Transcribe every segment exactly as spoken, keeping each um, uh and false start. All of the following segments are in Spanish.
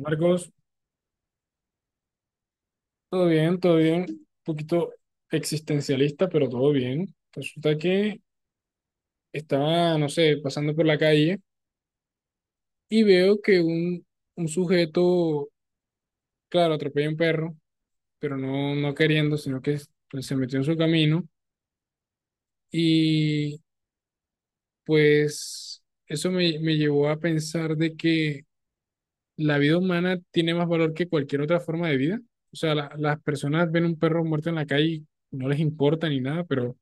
Marcos, todo bien, todo bien. Un poquito existencialista, pero todo bien. Resulta que estaba, no sé, pasando por la calle y veo que un, un sujeto, claro, atropella a un perro, pero no, no queriendo, sino que pues, se metió en su camino. Y pues eso me, me llevó a pensar de que la vida humana tiene más valor que cualquier otra forma de vida. O sea, la- las personas ven un perro muerto en la calle y no les importa ni nada, pero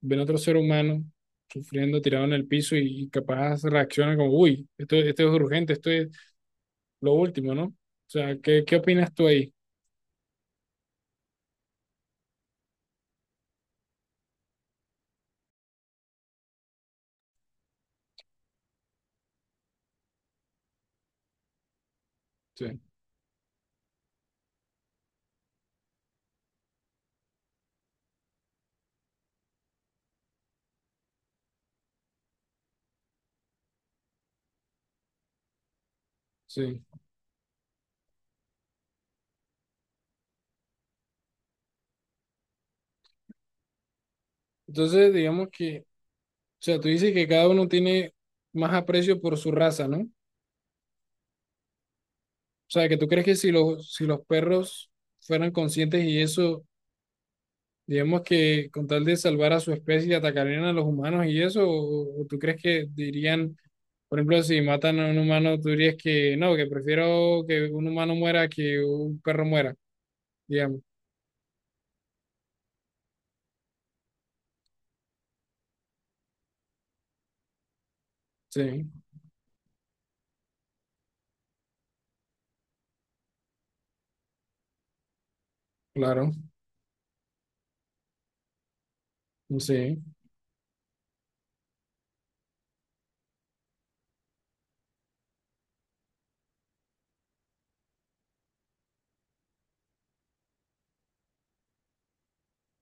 ven a otro ser humano sufriendo, tirado en el piso y capaz reacciona como, uy, esto, esto es urgente, esto es lo último, ¿no? O sea, ¿qué, qué opinas tú ahí? Sí, sí. Entonces, digamos que, o sea, tú dices que cada uno tiene más aprecio por su raza, ¿no? O sea, que tú crees que si los, si los perros fueran conscientes y eso. Digamos que con tal de salvar a su especie atacarían a los humanos y eso, o, o tú crees que dirían, por ejemplo, si matan a un humano, tú dirías que no, que prefiero que un humano muera que un perro muera, digamos. Sí, claro, sí,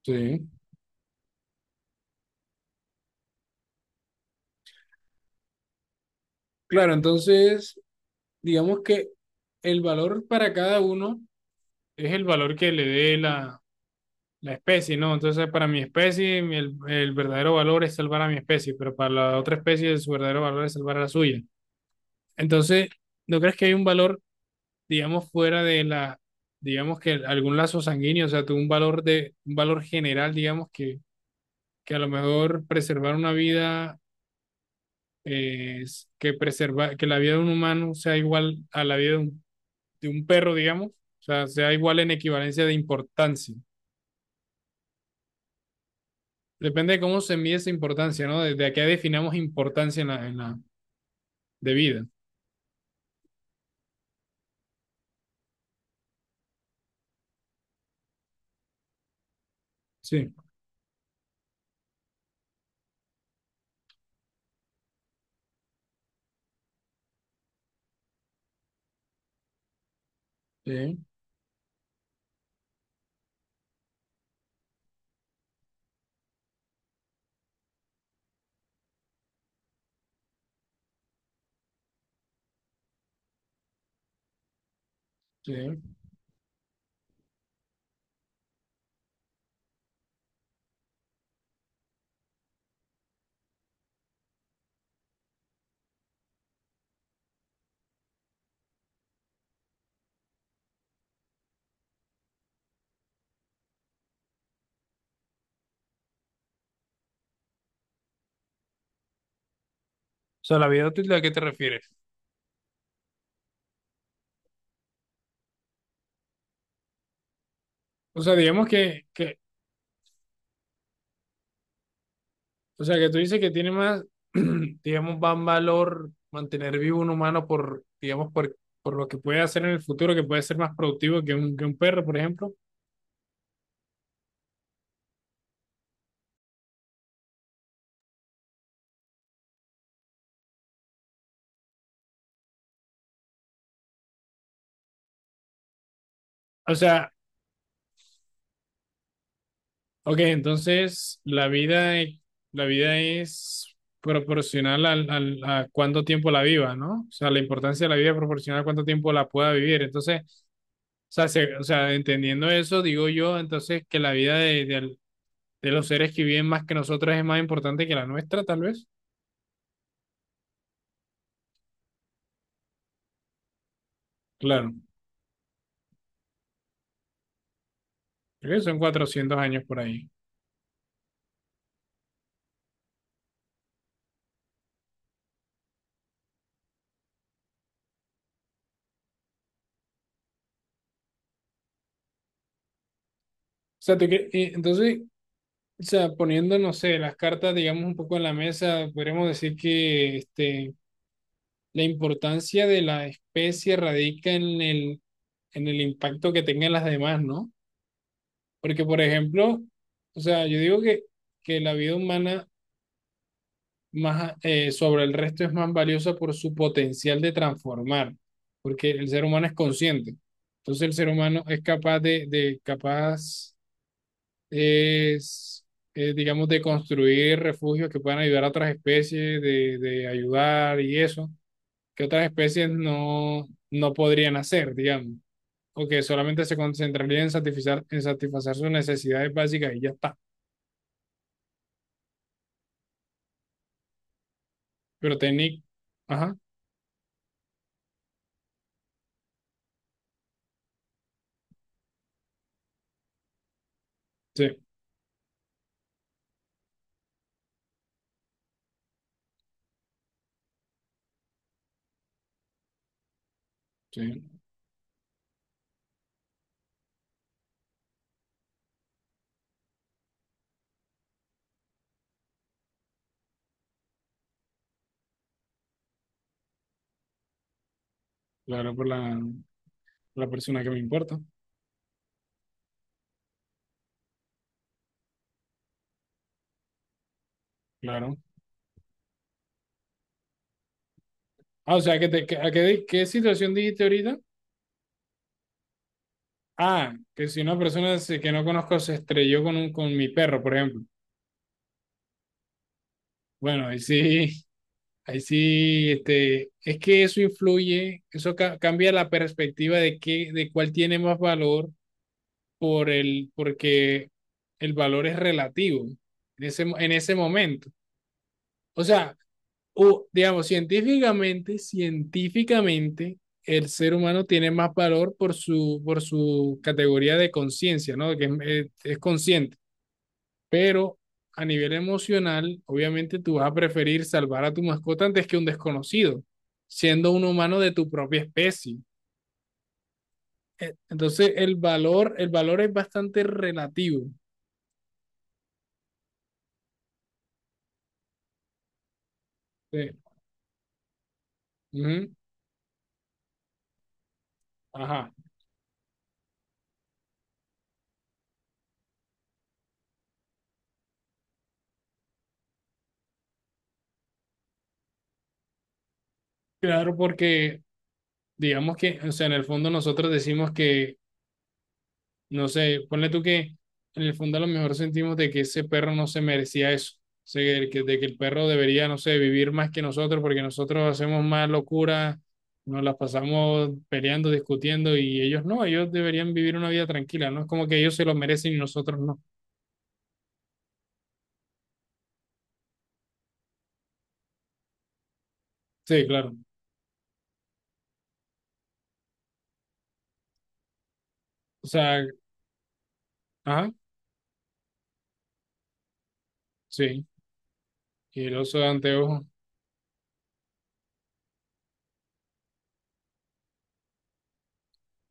sí. Claro, entonces, digamos que el valor para cada uno es el valor que le dé la, la especie, ¿no? Entonces, para mi especie, mi- el, el verdadero valor es salvar a mi especie, pero para la otra especie, su verdadero valor es salvar a la suya. Entonces, ¿no crees que hay un valor, digamos, fuera de la, digamos que algún lazo sanguíneo, o sea, tú un valor de, un valor general, digamos, que, que a lo mejor preservar una vida, eh, es- que preserva, que la vida de un humano sea igual a la vida de un, de un perro, digamos, o sea, sea igual en equivalencia de importancia. Depende de cómo se mide esa importancia, ¿no? Desde acá definamos importancia en la, en la, de vida. Sí, sí, sí. O sea, la vida útil, ¿a qué te refieres? O sea, digamos que, que. O sea, que tú dices que tiene más, digamos, más valor mantener vivo un humano por, digamos, por, por lo que puede hacer en el futuro, que puede ser más productivo que un, que un perro, por ejemplo. O sea, ok, entonces la vida, e- la vida es proporcional al, al- a cuánto tiempo la viva, ¿no? O sea, la importancia de la vida es proporcional a cuánto tiempo la pueda vivir. Entonces, o sea, se- o sea, entendiendo eso, digo yo, entonces, que la vida de, de, de los seres que viven más que nosotros es más importante que la nuestra, tal vez. Claro. Creo que son cuatrocientos años por ahí. O sea, tú que- eh, entonces, o sea, poniendo, no sé, las cartas, digamos, un poco en la mesa, podríamos decir que este, la importancia de la especie radica en el, en el impacto que tengan las demás, ¿no? Porque, por ejemplo, o sea, yo digo que, que la vida humana más, eh, sobre el resto es más valiosa por su potencial de transformar, porque el ser humano es consciente. Entonces, el ser humano es capaz de, de capaz es, eh, digamos, de construir refugios que puedan ayudar a otras especies, de, de ayudar y eso, que otras especies no, no podrían hacer, digamos, o que solamente se concentrarían en satisfacer, en satisfacer sus necesidades básicas y ya está. Pero técnic, ajá, sí, sí, claro, por la, la persona que me importa, claro. Ah, o sea, que te, que- ¿a qué, di- qué situación dijiste ahorita? Ah, que si una persona se- que no conozco se estrelló con, un, con mi perro, por ejemplo. Bueno, ahí sí. Ahí sí, este, es que eso influye, eso ca- cambia la perspectiva de qué, de cuál tiene más valor por el, porque el valor es relativo en ese, mo- en ese momento. O sea, o, digamos, científicamente, científicamente, el ser humano tiene más valor por su, por su categoría de conciencia, ¿no? Que es, es- es consciente. Pero a nivel emocional, obviamente tú vas a preferir salvar a tu mascota antes que un desconocido, siendo un humano de tu propia especie. Eh, Entonces, el valor, el valor es bastante relativo. Sí. Ujú. Ajá. Claro, porque digamos que, o sea, en el fondo nosotros decimos que. No sé, ponle tú que en el fondo a lo mejor sentimos de que ese perro no se merecía eso. O sea, de que, de que el perro debería, no sé, vivir más que nosotros porque nosotros hacemos más locura, nos las pasamos peleando, discutiendo y ellos no, ellos deberían vivir una vida tranquila, ¿no? Es como que ellos se lo merecen y nosotros no. Sí, claro. O sea, ajá, sí. Y el oso de anteojo,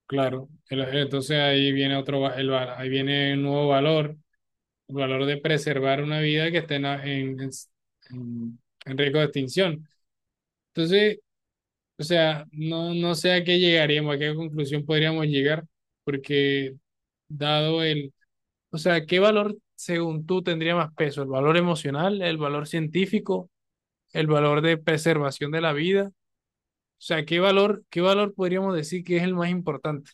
claro. El- entonces ahí viene otro, va- el, va- ahí viene un nuevo valor, el valor de preservar una vida que esté en, en, en- en riesgo de extinción. Entonces, o sea, no, no sé a qué llegaríamos, a qué conclusión podríamos llegar, porque dado el, o sea, ¿qué valor según tú tendría más peso? ¿El valor emocional, el valor científico, el valor de preservación de la vida? O sea, ¿qué valor, qué valor podríamos decir que es el más importante?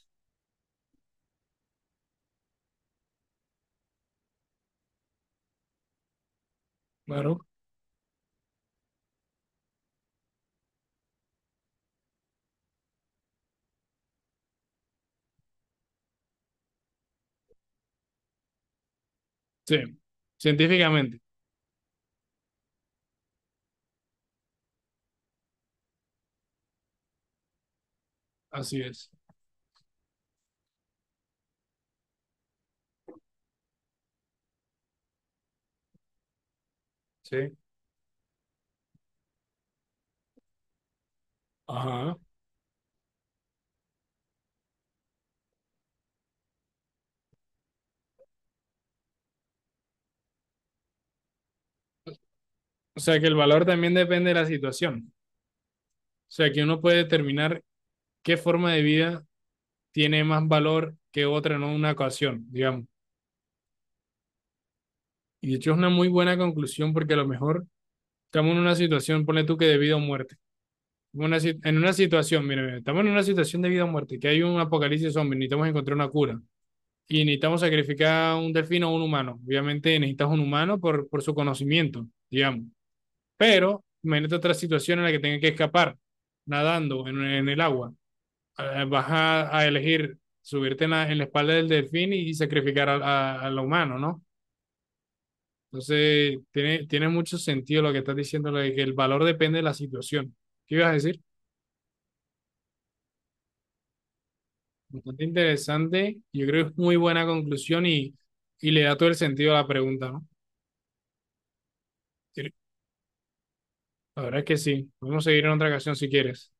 Claro. Sí, científicamente, así es. Sí. Ajá. O sea, que el valor también depende de la situación. O sea, que uno puede determinar qué forma de vida tiene más valor que otra en una ocasión, digamos. Y de hecho es una muy buena conclusión porque a lo mejor estamos en una situación, ponle tú que de vida o muerte. Una si- En una situación, mira, mira, estamos en una situación de vida o muerte, que hay un apocalipsis zombie, necesitamos encontrar una cura. Y necesitamos sacrificar un delfín o un humano. Obviamente necesitas un humano por, por su conocimiento, digamos. Pero imagínate otra situación en la que tenga que escapar nadando en en el agua. Eh, vas a, a, elegir subirte en la, en la, espalda del delfín y, y sacrificar a, a, a, lo humano, ¿no? Entonces, tiene, tiene mucho sentido lo que estás diciendo, lo de que el valor depende de la situación. ¿Qué ibas a decir? Bastante interesante, yo creo que es muy buena conclusión y, y le da todo el sentido a la pregunta, ¿no? Sí, la verdad es que sí, podemos seguir en otra ocasión si quieres.